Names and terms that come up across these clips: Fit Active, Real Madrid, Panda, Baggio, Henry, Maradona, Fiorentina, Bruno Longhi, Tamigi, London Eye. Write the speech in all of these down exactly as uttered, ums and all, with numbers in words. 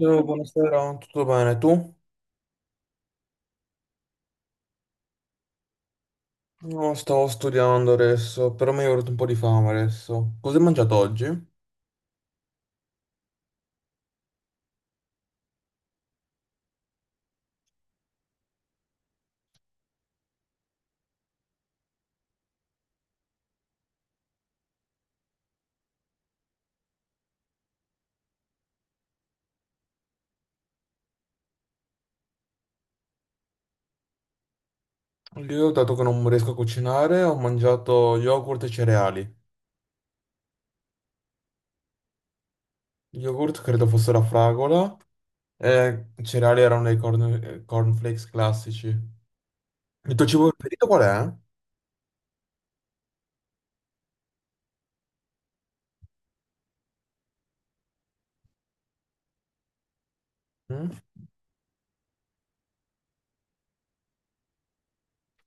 Eh, Buonasera, tutto bene? Tu? No, stavo studiando adesso, però mi è venuto un po' di fame adesso. Cosa hai mangiato oggi? Io, dato che non riesco a cucinare, ho mangiato yogurt e cereali. Yogurt credo fosse la fragola e i cereali erano dei corn- eh, cornflakes classici. Il tuo cibo preferito qual è? Mm?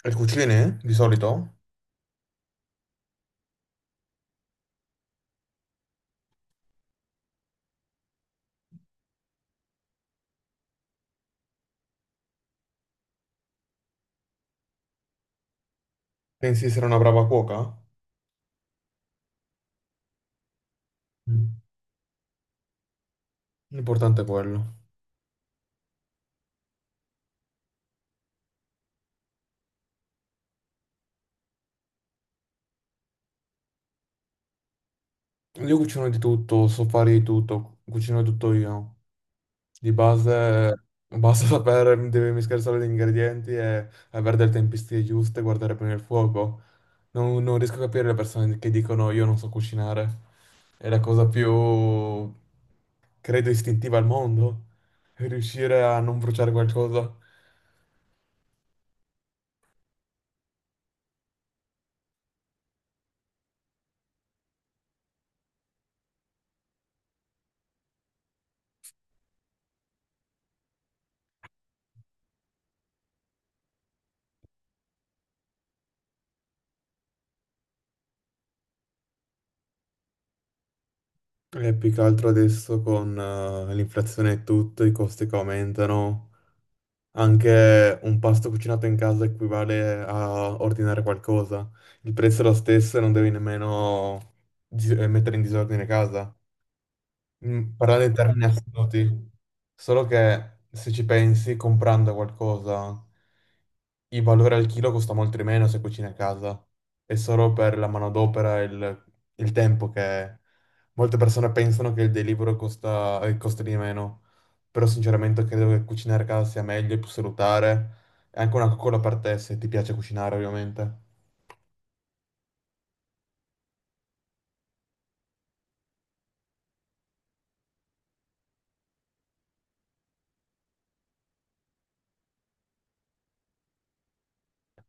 E cucini, di solito? Pensi di essere una brava cuoca? Mm. L'importante è quello. Io cucino di tutto, so fare di tutto, cucino tutto io. Di base basta sapere, devi mischiare solo gli ingredienti e avere delle tempistiche giuste, guardare bene il fuoco. Non, non riesco a capire le persone che dicono io non so cucinare. È la cosa più, credo, istintiva al mondo. Riuscire a non bruciare qualcosa. E più che altro adesso con eh, l'inflazione e tutto, i costi che aumentano. Anche un pasto cucinato in casa equivale a ordinare qualcosa. Il prezzo è lo stesso e non devi nemmeno dis- eh, mettere in disordine casa. Mm, parlando in termini assoluti, solo che se ci pensi, comprando qualcosa. Il valore al chilo costa molto di meno se cucini a casa. È solo per la manodopera e il, il tempo che molte persone pensano che il delivery costa, eh, costi di meno. Però sinceramente credo che cucinare a casa sia meglio, è più salutare. È anche una coccola per te se ti piace cucinare, ovviamente.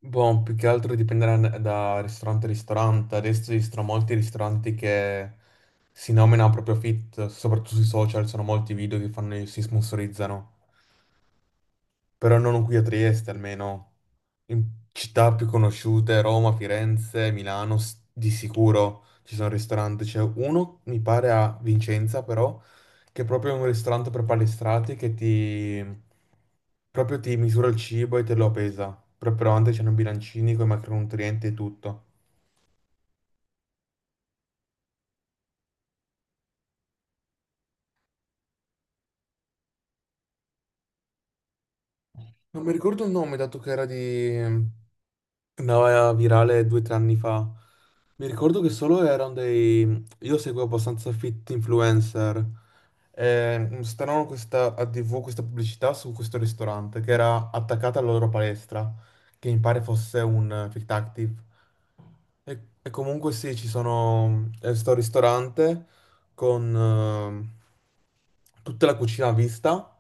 Boh, più che altro dipende da, da ristorante a ristorante. Adesso esistono molti ristoranti che si nominano proprio fit, soprattutto sui social, sono molti video che fanno, si sponsorizzano. Però non qui a Trieste almeno, in città più conosciute, Roma, Firenze, Milano, s- di sicuro ci sono ristoranti, c'è uno mi pare a Vicenza però, che è proprio un ristorante per palestrati che ti... proprio ti misura il cibo e te lo pesa, proprio davanti c'hanno i bilancini con i macronutrienti e tutto. Non mi ricordo il nome, dato che era di... andava virale due o tre anni fa. Mi ricordo che solo erano dei... Io seguo abbastanza fit influencer. E mm, stavano questa, a T V questa pubblicità su questo ristorante che era attaccata alla loro palestra, che mi pare fosse un eh, Fit Active. E, e comunque sì, ci sono... eh, sto al ristorante con ehm, tutta la cucina a vista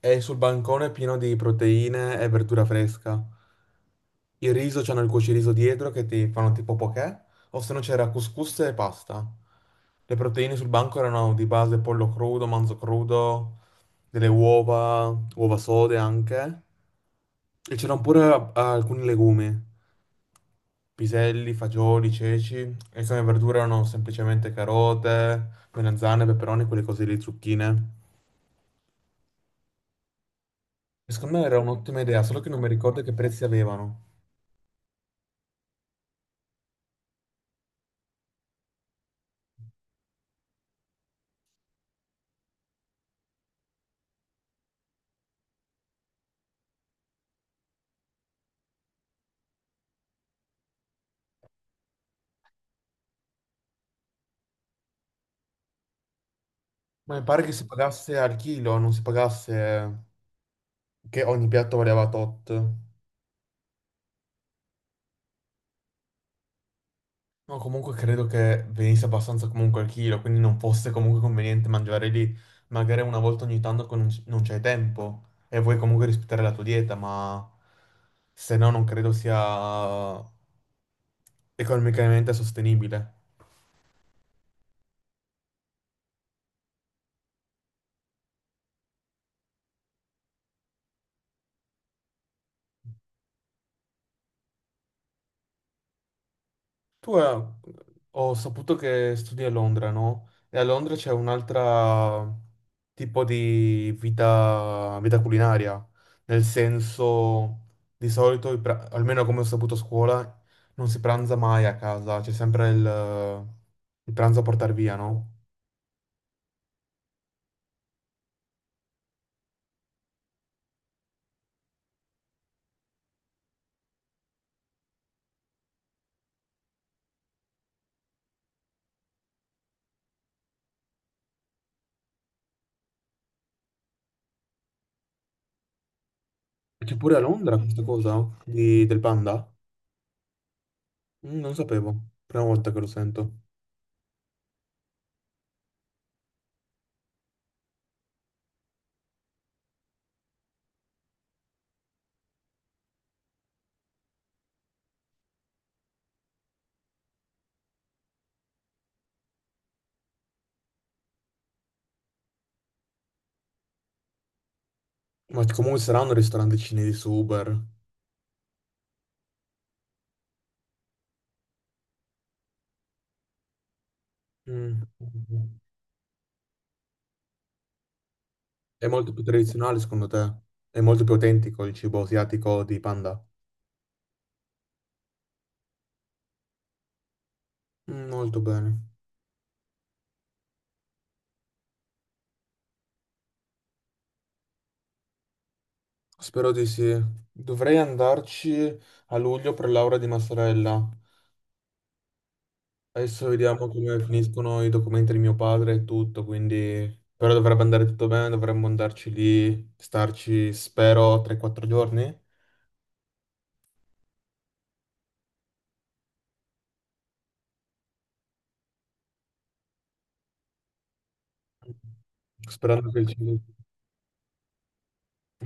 e sul bancone pieno di proteine e verdura fresca. Il riso, c'hanno il cuociriso dietro che ti fanno tipo poké, o se no c'era couscous e pasta. Le proteine sul banco erano di base pollo crudo, manzo crudo, delle uova, uova sode anche. E c'erano pure eh, alcuni legumi. Piselli, fagioli, ceci e come verdura erano semplicemente carote, melanzane, peperoni, quelle cose lì, zucchine. E secondo me era un'ottima idea, solo che non mi ricordo che prezzi avevano. Ma mi pare che si pagasse al chilo, non si pagasse che ogni piatto valeva tot. No, comunque credo che venisse abbastanza comunque al chilo, quindi non fosse comunque conveniente mangiare lì. Magari una volta ogni tanto che non c- non c'è tempo e vuoi comunque rispettare la tua dieta, ma se no non credo sia economicamente sostenibile. Tu eh, ho saputo che studi a Londra, no? E a Londra c'è un'altra tipo di vita, vita culinaria, nel senso di solito, i pra- almeno come ho saputo a scuola, non si pranza mai a casa, c'è sempre il, il pranzo a portare via, no? E c'è pure a Londra questa, mm, cosa di- del panda? Mm, non sapevo, prima volta che lo sento. Ma comunque saranno ristoranti cinesi super. Mm. È molto più tradizionale secondo te? È molto più autentico il cibo asiatico di Panda? Mm, molto bene. Spero di sì. Dovrei andarci a luglio per laurea di massorella. Adesso vediamo come finiscono i documenti di mio padre e tutto, quindi... Però dovrebbe andare tutto bene, dovremmo andarci lì, starci, spero, tre quattro giorni. Sperando che il cibo...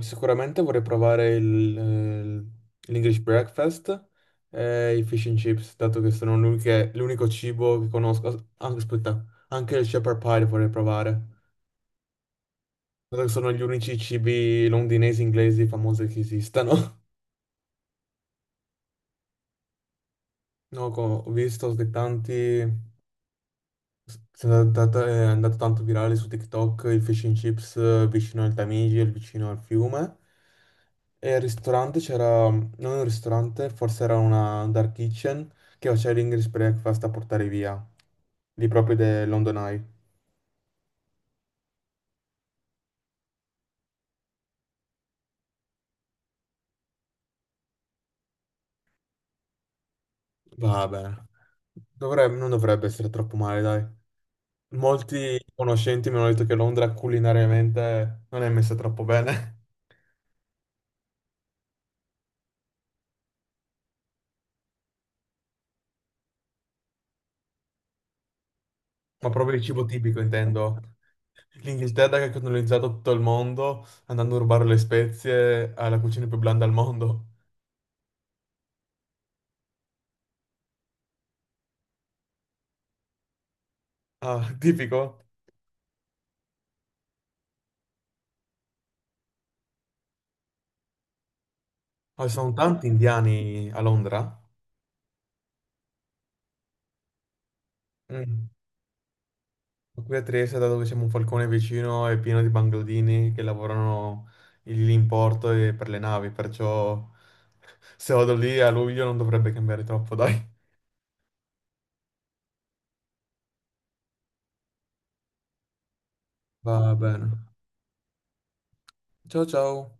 Sicuramente vorrei provare il, eh, l'English breakfast e i fish and chips, dato che sono l'uniche- l'unico cibo che conosco. As- Anche, aspetta, anche il shepherd pie vorrei provare, dato che sono gli unici cibi londinesi inglesi famosi che esistano. No, co- ho visto che tanti È andato, è andato tanto virale su TikTok il fish and chips eh, vicino al Tamigi, il vicino al fiume. E al ristorante c'era, non un ristorante, forse era una dark kitchen che faceva l'English breakfast a portare via, lì proprio del London Eye. Vabbè, dovrebbe, non dovrebbe essere troppo male, dai. Molti conoscenti mi hanno detto che Londra culinariamente non è messa troppo bene, ma proprio il cibo tipico intendo. L'Inghilterra che ha colonizzato tutto il mondo andando a rubare le spezie alla cucina più blanda al mondo. Ah, tipico. Ah, ci sono tanti indiani a Londra. Mm. Qui a Trieste, dato che siamo un falcone vicino, è pieno di bangladini che lavorano lì in porto e per le navi, perciò se vado lì a luglio non dovrebbe cambiare troppo, dai. Va bene. Ciao ciao.